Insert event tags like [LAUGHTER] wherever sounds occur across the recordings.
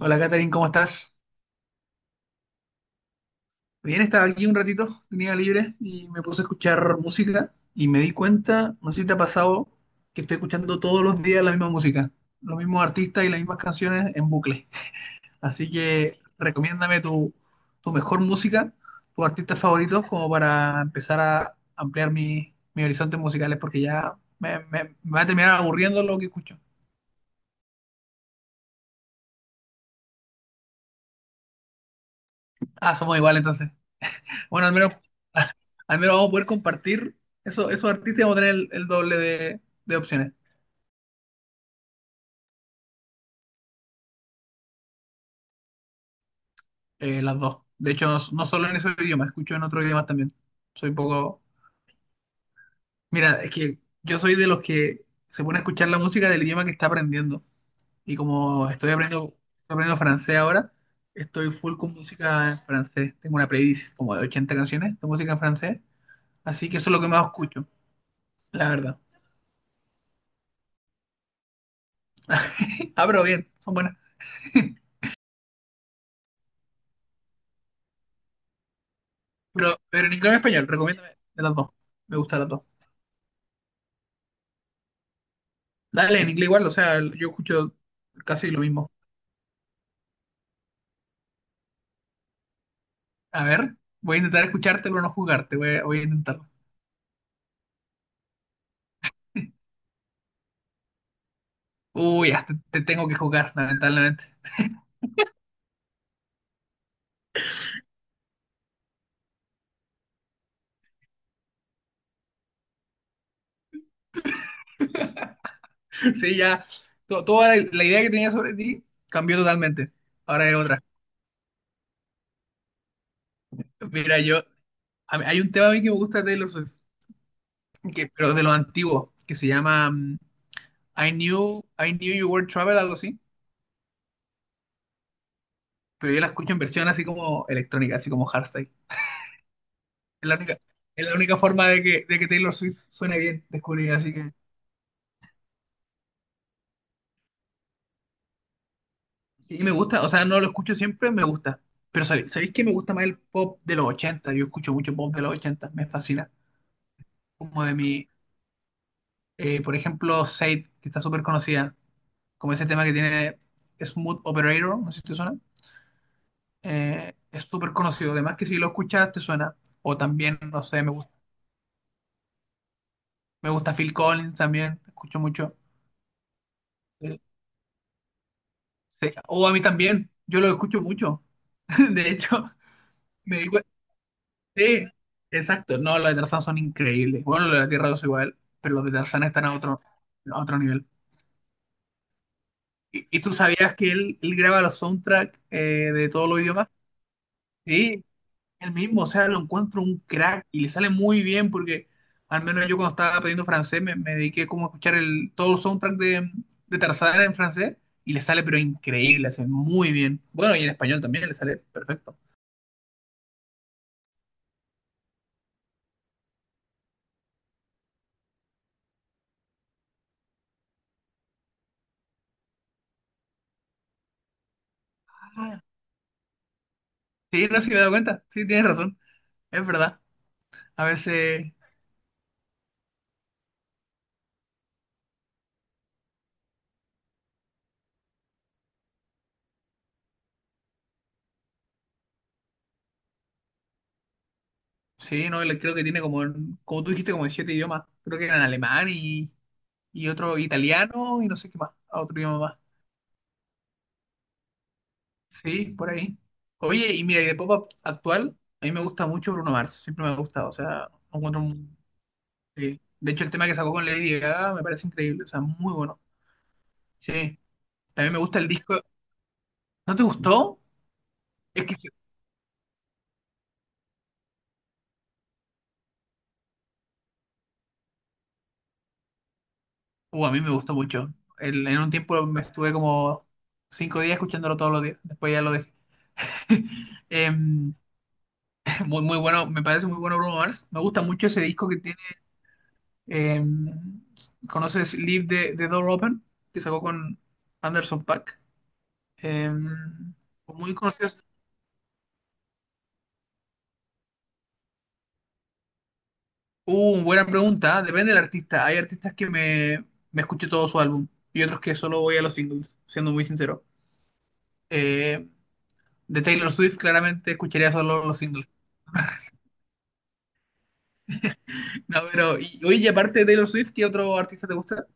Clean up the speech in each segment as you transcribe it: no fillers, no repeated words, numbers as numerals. Hola, Katherine, ¿cómo estás? Bien, estaba aquí un ratito, tenía libre y me puse a escuchar música y me di cuenta, no sé si te ha pasado, que estoy escuchando todos los días la misma música, los mismos artistas y las mismas canciones en bucle. [LAUGHS] Así que recomiéndame tu mejor música, tus artistas favoritos, como para empezar a ampliar mis horizontes musicales, porque ya me va a terminar aburriendo lo que escucho. Ah, somos iguales entonces. Bueno, al menos vamos a poder compartir esos artistas y vamos a tener el doble de opciones. Las dos. De hecho, no, no solo en ese idioma, escucho en otros idiomas también. Soy un poco... Mira, es que yo soy de los que se pone a escuchar la música del idioma que está aprendiendo. Y como estoy aprendiendo, Estoy aprendiendo francés ahora, estoy full con música en francés. Tengo una playlist como de 80 canciones de música en francés. Así que eso es lo que más escucho, la verdad. [LAUGHS] Ah, pero bien, son buenas. [LAUGHS] Pero en inglés y español, recomiéndame de las dos. Me gustan las dos. Dale, en inglés igual, o sea, yo escucho casi lo mismo. A ver, voy a intentar escucharte pero no jugarte, voy a intentarlo. Uy, ya, te tengo que jugar, lamentablemente. [LAUGHS] Sí, ya, toda la idea que tenía sobre ti cambió totalmente. Ahora es otra. Mira, hay un tema a mí que me gusta de Taylor Swift, que, pero de los antiguos, que se llama I Knew You Were Trouble, algo así, pero yo la escucho en versión así como electrónica, así como hardstyle. Es la única, es la única forma de que Taylor Swift suene bien, descubrí, así que... Sí, me gusta, o sea, no lo escucho siempre, me gusta. Pero ¿sabéis que me gusta más el pop de los 80? Yo escucho mucho pop de los 80, me fascina. Como de mi, por ejemplo, Sade, que está súper conocida, como ese tema que tiene Smooth Operator, no sé si te suena. Es súper conocido, además que si lo escuchas te suena. O también, no sé, me gusta Phil Collins también, escucho mucho. Eh, sí, o a mí también, yo lo escucho mucho. [LAUGHS] De hecho, me, di cu- sí, exacto. No, los de Tarzán son increíbles. Bueno, los de la Tierra 2 igual, pero los de Tarzán están a a otro nivel. ¿Y tú sabías que él graba los soundtracks, de todos los idiomas? Sí, él mismo, o sea, lo encuentro un crack y le sale muy bien porque al menos yo cuando estaba aprendiendo francés me dediqué como a escuchar todo el soundtrack de Tarzán en francés y le sale pero increíble, hace muy bien. Bueno, y en español también le sale perfecto. Ah, sí, no sé si me he dado cuenta, sí, tienes razón, es verdad. A veces... Sí, no, creo que tiene como tú dijiste, como en siete idiomas. Creo que eran alemán y otro italiano y no sé qué más, otro idioma más. Sí, por ahí. Oye, y mira, y de pop up actual, a mí me gusta mucho Bruno Mars, siempre me ha gustado, o sea, sí. De hecho, el tema que sacó con Lady Gaga me parece increíble, o sea, muy bueno. Sí, también me gusta el disco. ¿No te gustó? Es que sí. A mí me gustó mucho. En un tiempo me estuve como 5 días escuchándolo todos los días, después ya lo dejé. [LAUGHS] Em, Muy, muy bueno, me parece muy bueno Bruno Mars. Me gusta mucho ese disco que tiene. eh, ¿Conoces Leave the Door Open? Que sacó con Anderson Paak. Eh, Muy conocidos. Buena pregunta. ¿Ah? Depende del artista. Hay artistas que me escucho todo su álbum y otros que solo voy a los singles, siendo muy sincero. Eh, de Taylor Swift, claramente escucharía solo los singles. [LAUGHS] No, pero, y, oye, y aparte de Taylor Swift, ¿qué otro artista te gusta?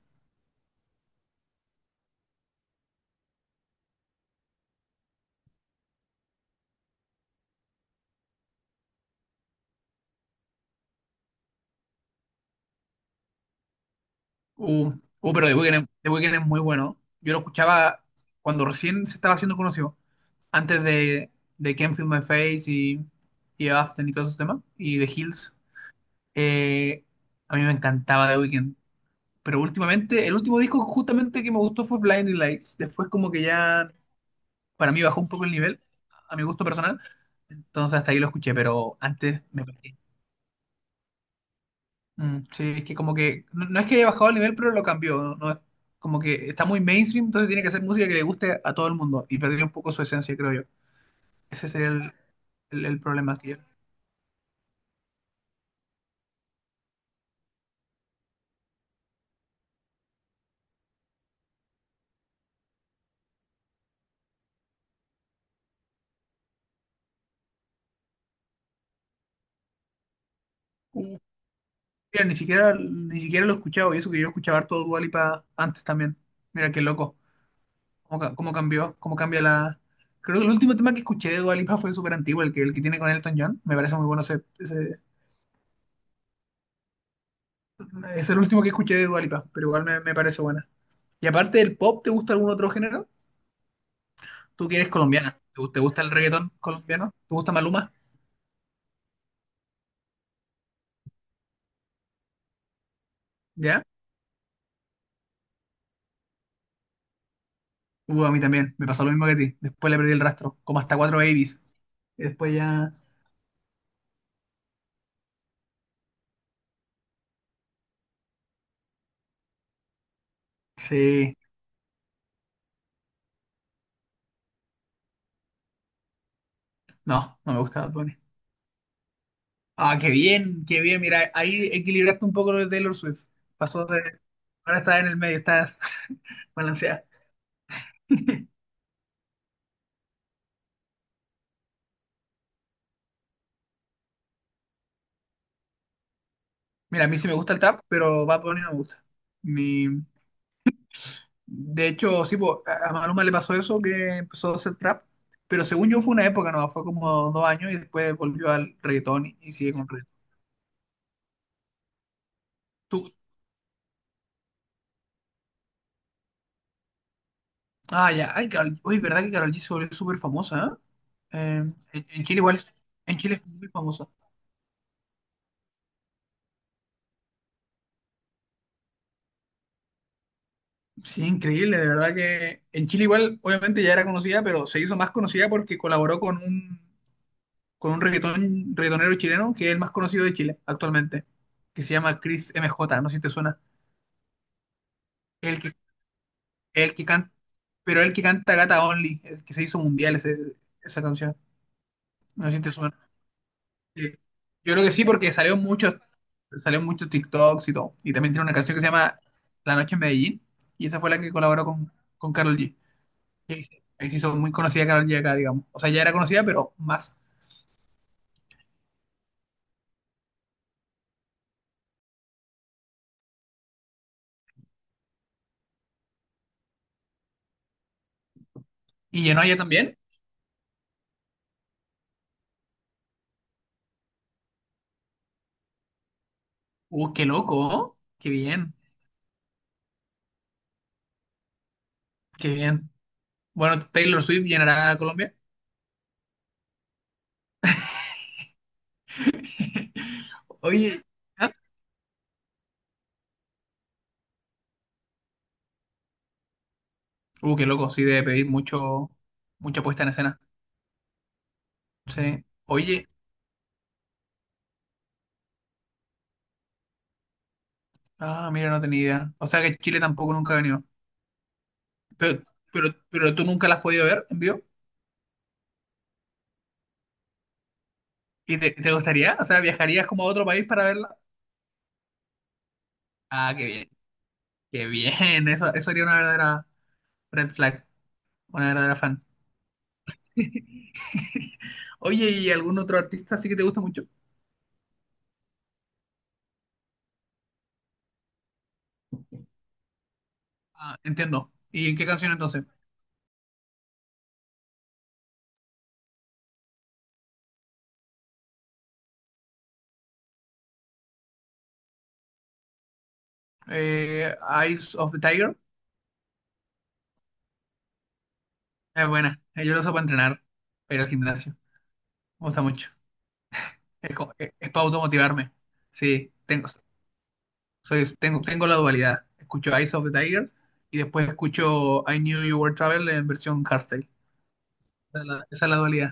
Uh, pero The Weeknd, The Weeknd es muy bueno. Yo lo escuchaba cuando recién se estaba haciendo conocido, antes de Can't Feel My Face, y After y todos esos temas, y The Hills. Eh, a mí me encantaba The Weeknd. Pero últimamente, el último disco justamente que me gustó fue Blinding Lights. Después como que ya para mí bajó un poco el nivel, a mi gusto personal. Entonces hasta ahí lo escuché, pero antes me parecía... Mm, sí, es que como que no, no es que haya bajado el nivel, pero lo cambió. No, como que está muy mainstream, entonces tiene que hacer música que le guste a todo el mundo y perdió un poco su esencia, creo yo. Ese sería el problema que yo. Sí. Mira, ni siquiera lo he escuchado y eso que yo escuchaba todo Dua Lipa antes también. Mira qué loco. Cómo cambió, cómo cambia la. Creo que el último tema que escuché de Dua Lipa fue súper antiguo, el que tiene con Elton John. Me parece muy bueno es el último que escuché de Dua Lipa, pero igual me parece buena. Y aparte del pop, ¿te gusta algún otro género? Tú que eres colombiana, ¿te gusta el reggaetón colombiano? ¿Te gusta Maluma? ¿Ya? A mí también, me pasó lo mismo que a ti. Después le perdí el rastro, como hasta cuatro babies. Y después ya, sí, no, no me gusta Bad Bunny. Ah, qué bien, mira, ahí equilibraste un poco lo de Taylor Swift. Pasó de, ahora estás en el medio, estás [LAUGHS] balanceada. [LAUGHS] Mira, a mí sí me gusta el trap, pero Bad Bunny no me gusta. Mi, De hecho, sí, po, a Maluma le pasó eso, que empezó a hacer trap, pero según yo fue una época, no, fue como 2 años y después volvió al reggaetón y sigue con reggaetón. Tú, ya, ay, Karol, uy, ¿verdad que Karol G se volvió súper famosa? ¿Eh? En Chile igual, en Chile es muy famosa. Sí, increíble, de verdad que en Chile igual, obviamente ya era conocida, pero se hizo más conocida porque colaboró con un reggaetonero chileno que es el más conocido de Chile actualmente, que se llama Chris M J, no sé si te suena. El El que canta, pero el que canta Gata Only, el que se hizo mundial esa canción. No sé si te suena. Sí. Yo creo que sí, porque salió en muchos TikToks y todo. Y también tiene una canción que se llama La Noche en Medellín. Y esa fue la que colaboró con Karol G. Y ahí se hizo muy conocida Karol G acá, digamos. O sea, ya era conocida, pero más. Y llenó ella también. Qué loco, ¿oh? Qué bien, qué bien. Bueno, Taylor Swift llenará a Colombia. Oye, ¿ah? Qué loco, sí, debe pedir mucha puesta en escena. Sí. Oye, mira, no tenía idea. O sea que Chile tampoco nunca ha venido. Pero, pero tú nunca la has podido ver en vivo. ¿Y te gustaría? O sea, ¿viajarías como a otro país para verla? Ah, qué bien. Qué bien. [LAUGHS] Eso sería una verdadera red flag. Una verdadera fan. [LAUGHS] Oye, ¿y algún otro artista así que te gusta mucho? Ah, entiendo. ¿Y en qué canción entonces? Eh, Eyes of the Tiger. Es buena. Yo lo uso para entrenar, pero al gimnasio. Me gusta mucho. Es, para automotivarme. Sí, tengo. Tengo, la dualidad. Escucho Eyes of the Tiger y después escucho I Knew You Were Trouble en versión hardstyle. Esa es la dualidad.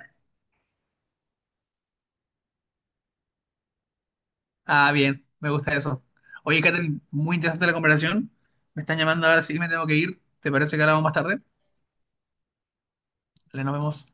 Ah, bien, me gusta eso. Oye, Karen, muy interesante la conversación. Me están llamando ahora sí, me tengo que ir. ¿Te parece que hablamos más tarde? Dale, nos vemos.